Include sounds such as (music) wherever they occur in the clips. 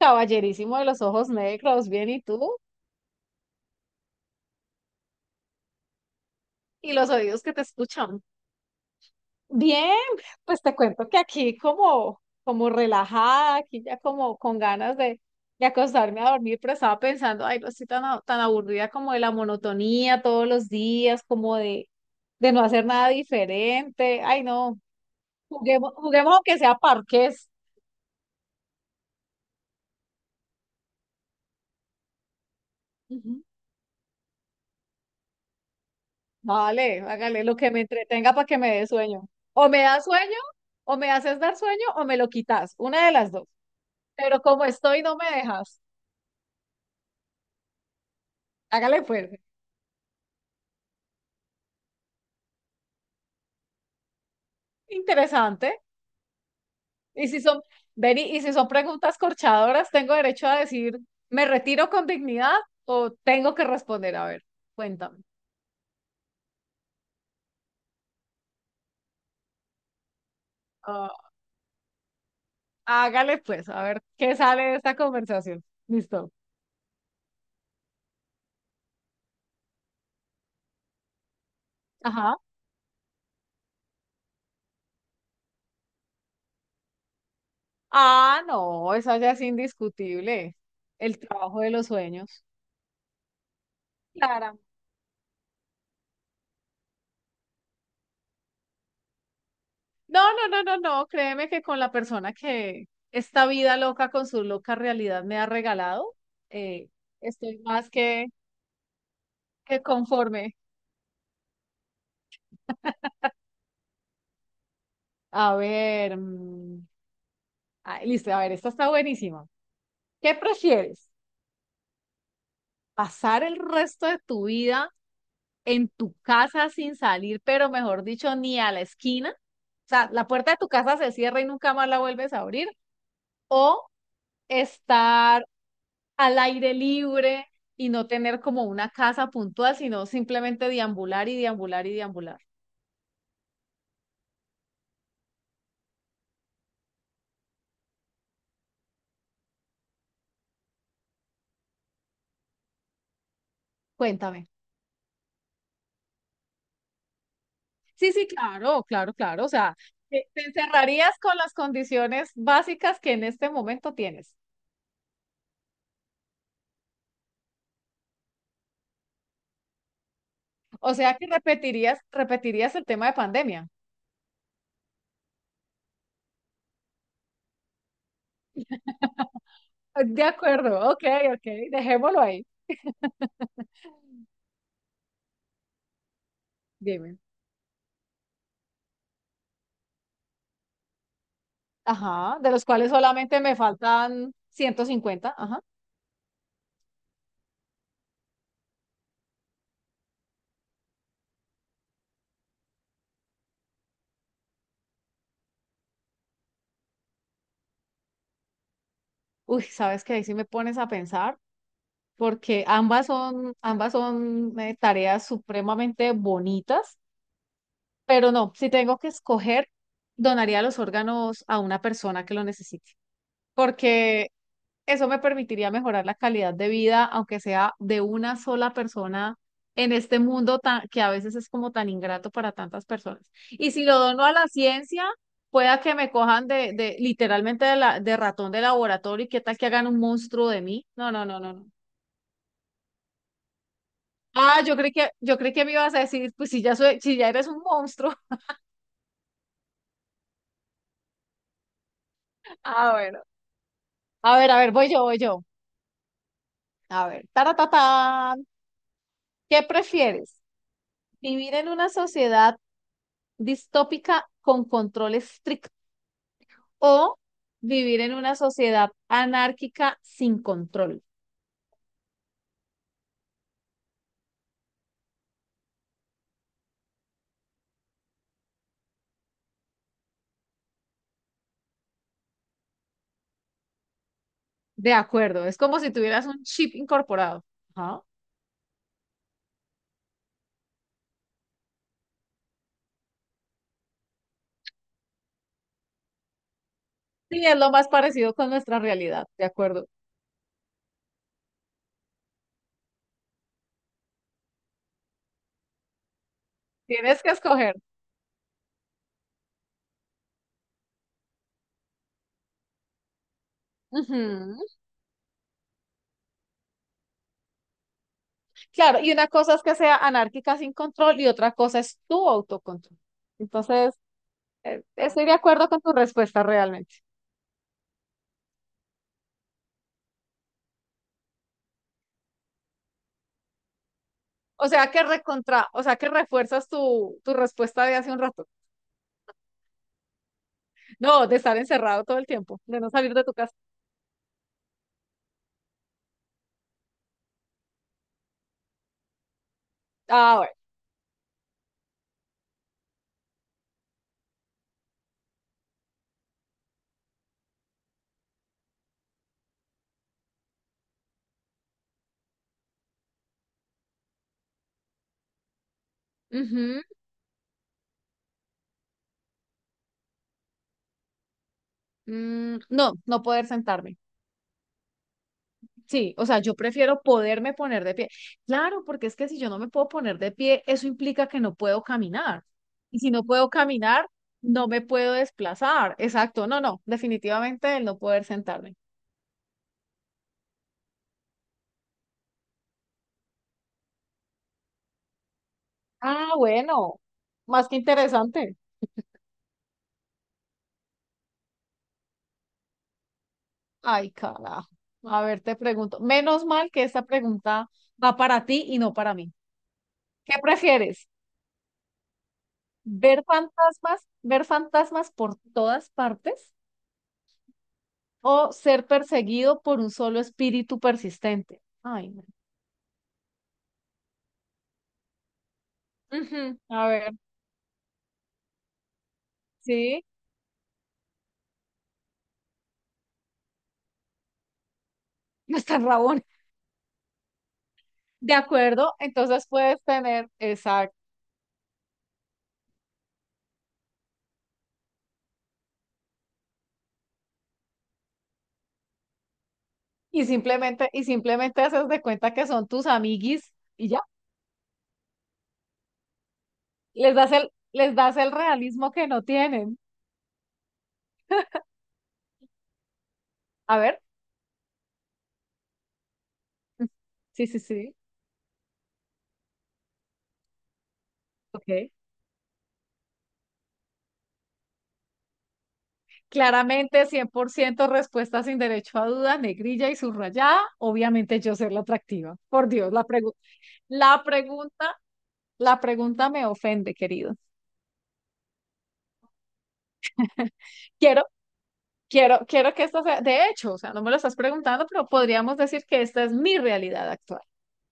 Caballerísimo de los ojos negros, bien, ¿y tú? ¿Y los oídos que te escuchan? Bien, pues te cuento que aquí como relajada, aquí ya como con ganas de acostarme a dormir, pero estaba pensando, ay, no estoy tan aburrida como de la monotonía todos los días, como de no hacer nada diferente. Ay, no, juguemos, juguemos aunque sea parques. Ujú. Vale, hágale lo que me entretenga para que me dé sueño. O me da sueño, o me haces dar sueño, o me lo quitas, una de las dos. Pero como estoy, no me dejas. Hágale pues. Interesante. Y si son, Beni, y si son preguntas corchadoras, ¿tengo derecho a decir: me retiro con dignidad, o tengo que responder? A ver, cuéntame. Ah, hágale pues, a ver qué sale de esta conversación. Listo. Ajá. Ah, no, eso ya es indiscutible. El trabajo de los sueños. No, no, no, no, no, créeme que con la persona que esta vida loca con su loca realidad me ha regalado, eh, estoy más que conforme. A ver, ah, listo, a ver, esta está buenísima. ¿Qué prefieres? ¿Pasar el resto de tu vida en tu casa sin salir, pero mejor dicho, ni a la esquina? O sea, la puerta de tu casa se cierra y nunca más la vuelves a abrir. ¿O estar al aire libre y no tener como una casa puntual, sino simplemente deambular y deambular y deambular? Cuéntame. Sí, sí, claro, claro, claro. O sea, te encerrarías con las condiciones básicas que en este momento tienes. O sea que repetirías, repetirías el tema de pandemia. De acuerdo, ok, ok, dejémoslo ahí. Dime. Ajá, de los cuales solamente me faltan 150. Ajá. Uy, ¿sabes qué? Ahí sí me pones a pensar. Porque ambas son tareas supremamente bonitas, pero no, si tengo que escoger, donaría los órganos a una persona que lo necesite, porque eso me permitiría mejorar la calidad de vida, aunque sea de una sola persona en este mundo tan, que a veces es como tan ingrato para tantas personas. Y si lo dono a la ciencia, pueda que me cojan de literalmente de ratón de laboratorio y qué tal que hagan un monstruo de mí. No, no, no, no, no. Ah, yo creí que me ibas a decir, pues si ya soy, si ya eres un monstruo. (laughs) Ah, bueno. A ver, voy yo, voy yo. A ver, taratatán. ¿Qué prefieres? ¿Vivir en una sociedad distópica con control estricto o vivir en una sociedad anárquica sin control? De acuerdo, es como si tuvieras un chip incorporado. Ajá. Sí, es lo más parecido con nuestra realidad, de acuerdo. Tienes que escoger. Ujú. Claro, y una cosa es que sea anárquica sin control y otra cosa es tu autocontrol. Entonces, estoy de acuerdo con tu respuesta realmente. O sea que refuerzas tu respuesta de hace un rato. No, de estar encerrado todo el tiempo, de no salir de tu casa. Ah, bueno. Ujú. No, no poder sentarme. Sí, o sea, yo prefiero poderme poner de pie. Claro, porque es que si yo no me puedo poner de pie, eso implica que no puedo caminar. Y si no puedo caminar, no me puedo desplazar. Exacto, no, no, definitivamente el no poder sentarme. Ah, bueno, más que interesante. Ay, carajo. A ver, te pregunto. Menos mal que esta pregunta va para ti y no para mí. ¿Qué prefieres? Ver fantasmas por todas partes o ser perseguido por un solo espíritu persistente? Ay, no. Ujú. A ver, sí, (laughs) no está rabón. De acuerdo, entonces puedes tener, exacto. Y simplemente haces de cuenta que son tus amiguis y ya. Les das el realismo que no tienen. A ver. Sí, sí, sí. Ok. Claramente, 100% respuesta sin derecho a duda, negrilla y subrayada. Obviamente yo ser la atractiva. Por Dios, la pregunta La pregunta me ofende, querido. Quiero, quiero, quiero que esto sea, de hecho, o sea, no me lo estás preguntando, pero podríamos decir que esta es mi realidad actual.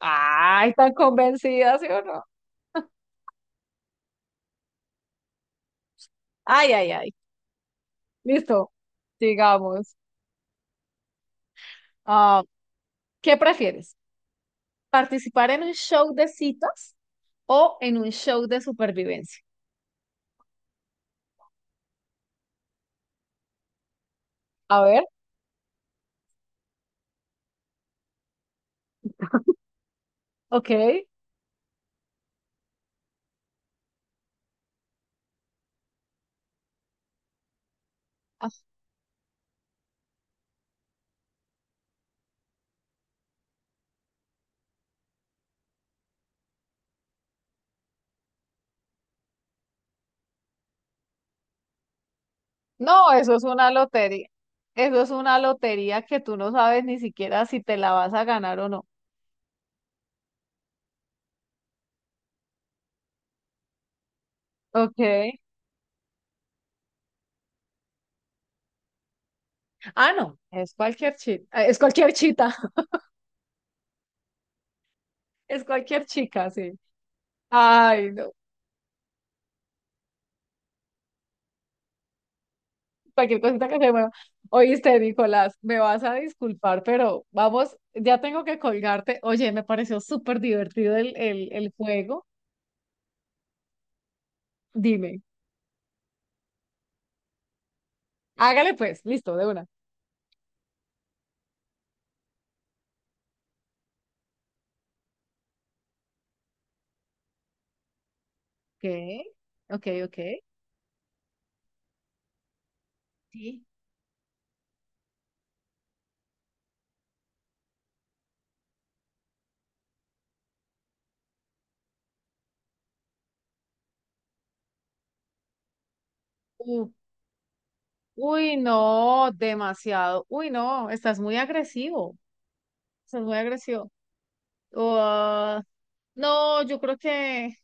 Ay, tan convencida, ¿sí o no? Ay, ay, ay. Listo, digamos. Ah, ¿qué prefieres? ¿Participar en un show de citas o en un show de supervivencia? A ver, ok. Ah, no, eso es una lotería. Eso es una lotería que tú no sabes ni siquiera si te la vas a ganar o no. Ok. Ah, no, es cualquier chita, (laughs) es cualquier chica, sí. Ay, no, cualquier cosita que se mueva. Oíste, Nicolás, me vas a disculpar, pero vamos, ya tengo que colgarte. Oye, me pareció súper divertido el juego. Dime, hágale pues, listo, de una. Ok, ok, ok. Sí. U- uy, no, demasiado. Uy, no, estás muy agresivo, estás muy agresivo. No, yo creo que,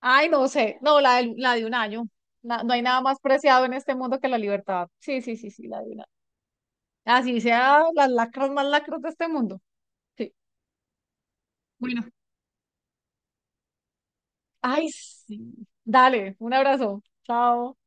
ay, no sé, no, la de un año. No hay nada más preciado en este mundo que la libertad. Sí, sí, sí, sí, la de un año. Así sea las lacras más lacras de este mundo. Sí. Bueno, ay, sí. Dale, un abrazo. Chao.